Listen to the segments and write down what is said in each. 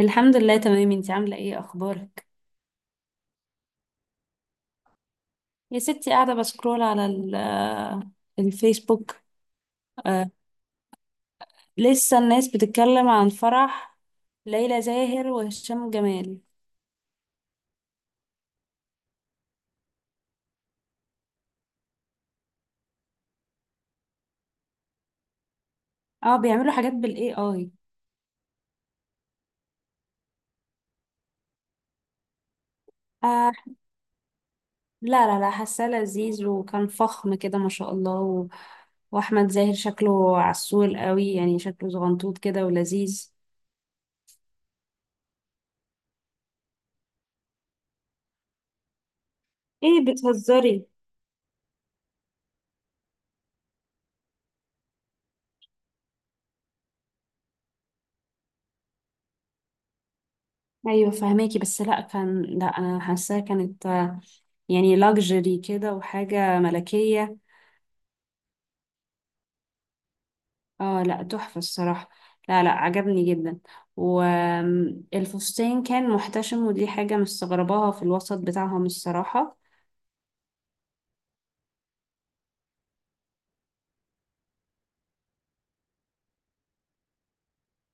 الحمد لله تمام. انتي عاملة ايه؟ اخبارك؟ يا ستي قاعدة بسكرول على الفيسبوك. آه، لسه الناس بتتكلم عن فرح ليلى زاهر وهشام جمال. اه بيعملوا حاجات بالاي اي. آه لا حاساه لذيذ وكان فخم كده ما شاء الله واحمد زاهر شكله عسول قوي، يعني شكله زغنطوط كده ولذيذ. ايه، بتهزري؟ ايوه فهماكي، بس لا كان، لا انا حاساه كانت يعني لاكجري كده وحاجه ملكيه. اه لا تحفة الصراحة. لا لا عجبني جدا. والفستان كان محتشم، ودي حاجة مستغرباها في الوسط بتاعهم الصراحة.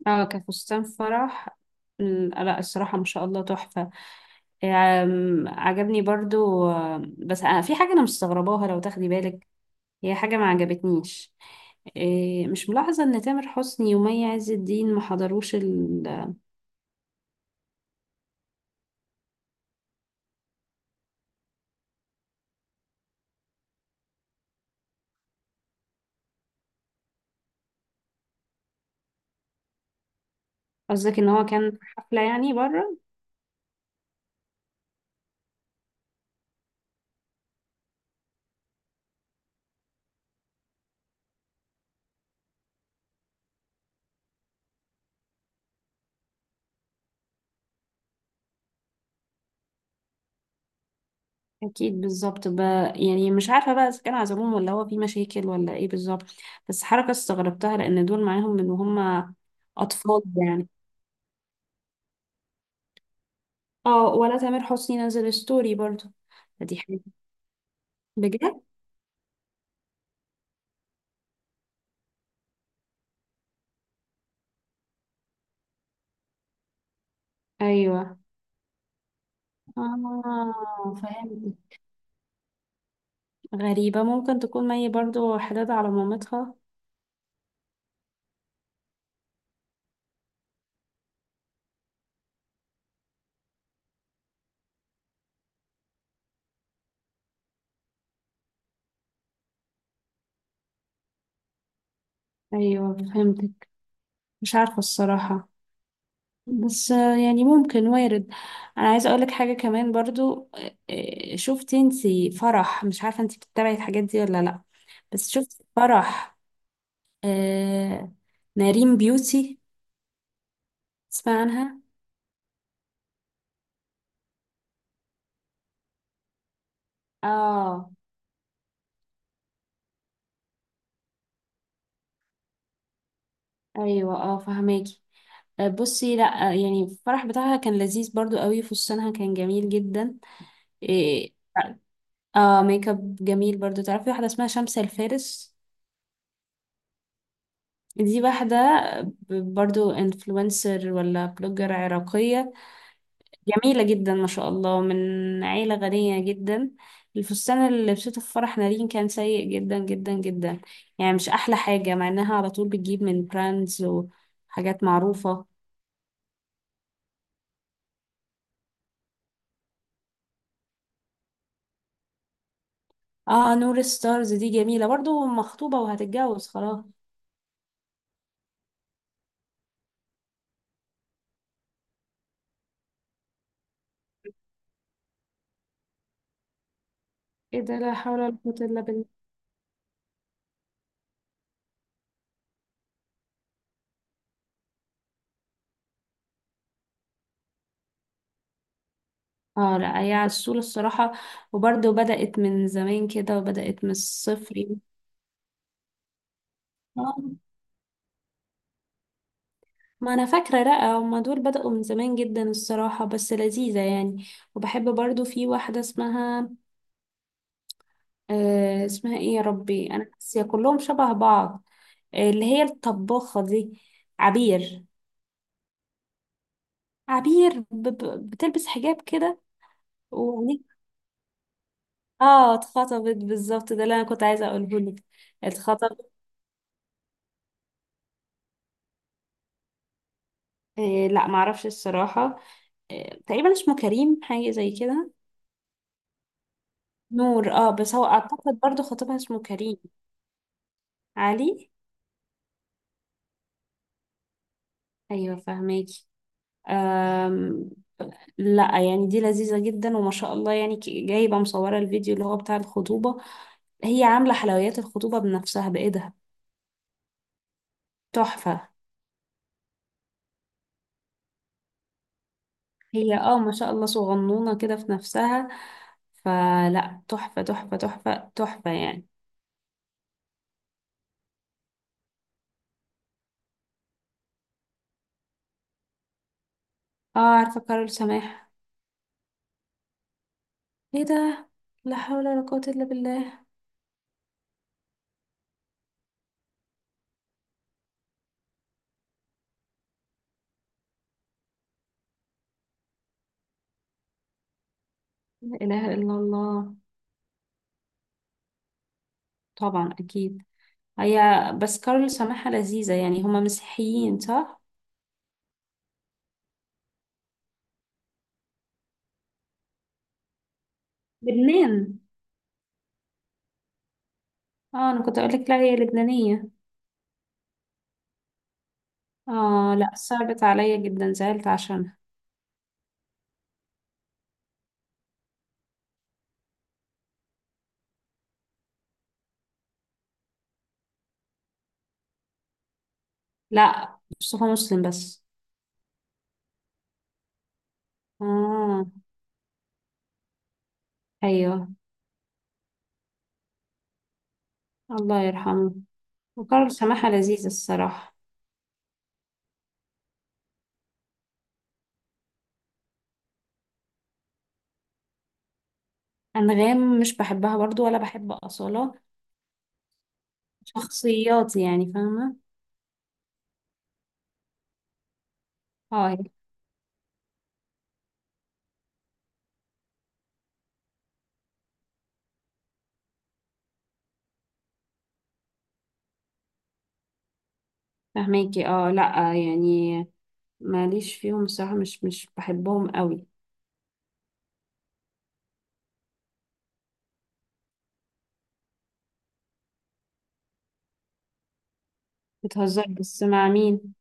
اه كفستان فرح لا الصراحة ما شاء الله تحفة. عجبني برضو. بس أنا في حاجة أنا مستغرباها لو تاخدي بالك. هي حاجة ما عجبتنيش. مش ملاحظة إن تامر حسني ومي عز الدين ما حضروش قصدك إن هو كان في حفلة يعني بره؟ اكيد بالظبط. يعني مش عارفه بقى اذا كان عزلوهم ولا هو في مشاكل ولا ايه بالظبط. بس حركه استغربتها لان دول معاهم من وهم اطفال يعني. اه ولا تامر حسني نزل ستوري برضو. دي حاجه. بجد؟ ايوه اه فهمت. غريبه، ممكن تكون مي برضو حداد على مامتها. ايوه فهمتك. مش عارفه الصراحه، بس يعني ممكن وارد. انا عايزه اقولك حاجه كمان برضو. شفت انتي فرح؟ مش عارفه انتي بتتابعي الحاجات دي ولا لا. بس شفت فرح آه نارين بيوتي؟ تسمع عنها؟ اه. ايوه اه فهماكي. بصي لا، يعني الفرح بتاعها كان لذيذ برضو قوي، فستانها كان جميل جدا. إيه، اه ميك اب جميل برضو. تعرفي واحده اسمها شمس الفارس؟ دي واحدة برضو انفلونسر ولا بلوجر عراقية، جميلة جدا ما شاء الله، من عيلة غنية جدا. الفستان اللي لبسته في فرح نارين كان سيء جدا جدا جدا، يعني مش أحلى حاجة، مع إنها على طول بتجيب من براندز وحاجات معروفة. اه نور ستارز دي جميلة برضو، مخطوبة وهتتجوز خلاص. ايه ده؟ لا حول ولا قوة إلا بالله. اه لا هي عسولة الصراحة، وبرضو بدأت من زمان كده وبدأت من الصفر. آه. ما انا فاكره، لا هما دول بدأوا من زمان جدا الصراحه، بس لذيذه يعني. وبحب برضو في واحده اسمها، آه اسمها ايه، يا ربي انا ناسيه، كلهم شبه بعض. آه اللي هي الطباخه دي، عبير. عبير ب بتلبس حجاب كده. وعينيك، اه اتخطبت بالظبط، ده اللي انا كنت عايزه اقوله لك. اتخطبت. لا معرفش الصراحه. آه تقريبا اسمه كريم، حاجه زي كده. نور اه، بس هو اعتقد برضو خطيبها اسمه كريم. علي. ايوه فهماكي. أم، لا يعني دي لذيذة جدا وما شاء الله يعني، جايبة مصورة الفيديو اللي هو بتاع الخطوبة، هي عاملة حلويات الخطوبة بنفسها بإيدها. تحفة. هي اه ما شاء الله صغنونة كده في نفسها. فلا، تحفة تحفة تحفة تحفة يعني. اه عارفة كارول سماح. ايه ده؟ لا حول ولا قوة إلا بالله. لا إله إلا الله. طبعا أكيد. هي، بس كارول سماحة لذيذة يعني. هما مسيحيين صح؟ لبنان. اه أنا كنت أقولك، لا هي لبنانية. اه لا صعبت عليا جدا، زعلت عشانها. لا مصطفى مسلم بس. اه. ايوه. الله يرحمه. وكارل سماحة لذيذ الصراحة. انغام مش بحبها برضو، ولا بحب اصالة. شخصيات يعني، فاهمة. اه يعني فاهماكي. اه لا يعني ماليش فيهم الصراحة، مش مش بحبهم قوي. بتهزر، بس مع مين؟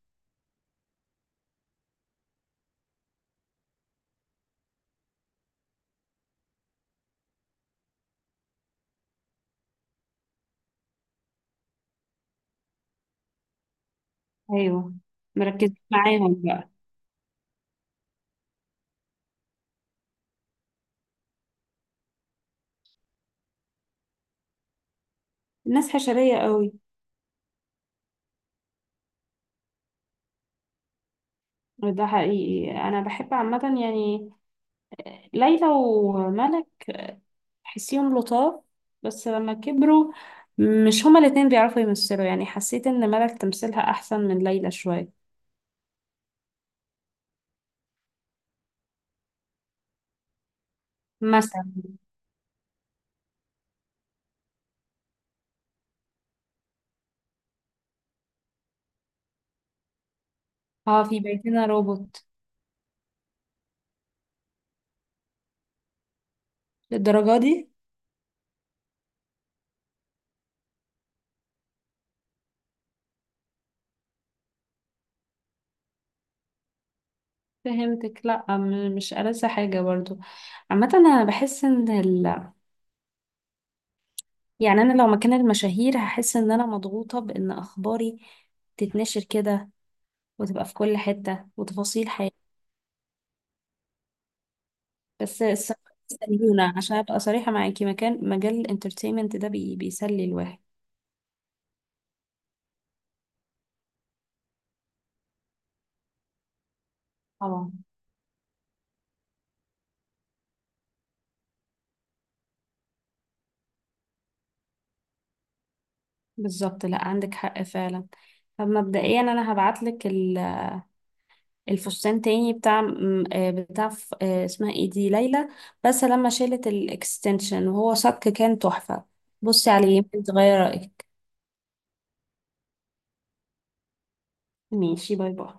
ايوه مركز معاهم بقى. الناس حشرية قوي. ده حقيقي. انا بحب عامة يعني ليلى وملك، تحسيهم لطاف. بس لما كبروا، مش هما الاتنين بيعرفوا يمثلوا يعني. حسيت ان ملك تمثيلها احسن من ليلى شوية. مثلا. اه في بيتنا روبوت. للدرجة دي؟ فهمتك. لا مش ألذ حاجة برضو. عامة انا بحس ان يعني انا لو مكان المشاهير هحس ان انا مضغوطة بان اخباري تتنشر كده وتبقى في كل حتة وتفاصيل حياتي. بس الس- بيسلونا عشان ابقى صريحة معاكي. مكان مجال الانترتينمنت ده بيسلي الواحد. طبعا. بالظبط لا عندك حق فعلا. طب مبدئيا انا هبعت لك الفستان تاني بتاع بتاع اسمها ايه دي، ليلى. بس لما شالت الاكستنشن وهو صك كان تحفة. بصي عليه يمكن تغير رأيك. ماشي، باي باي.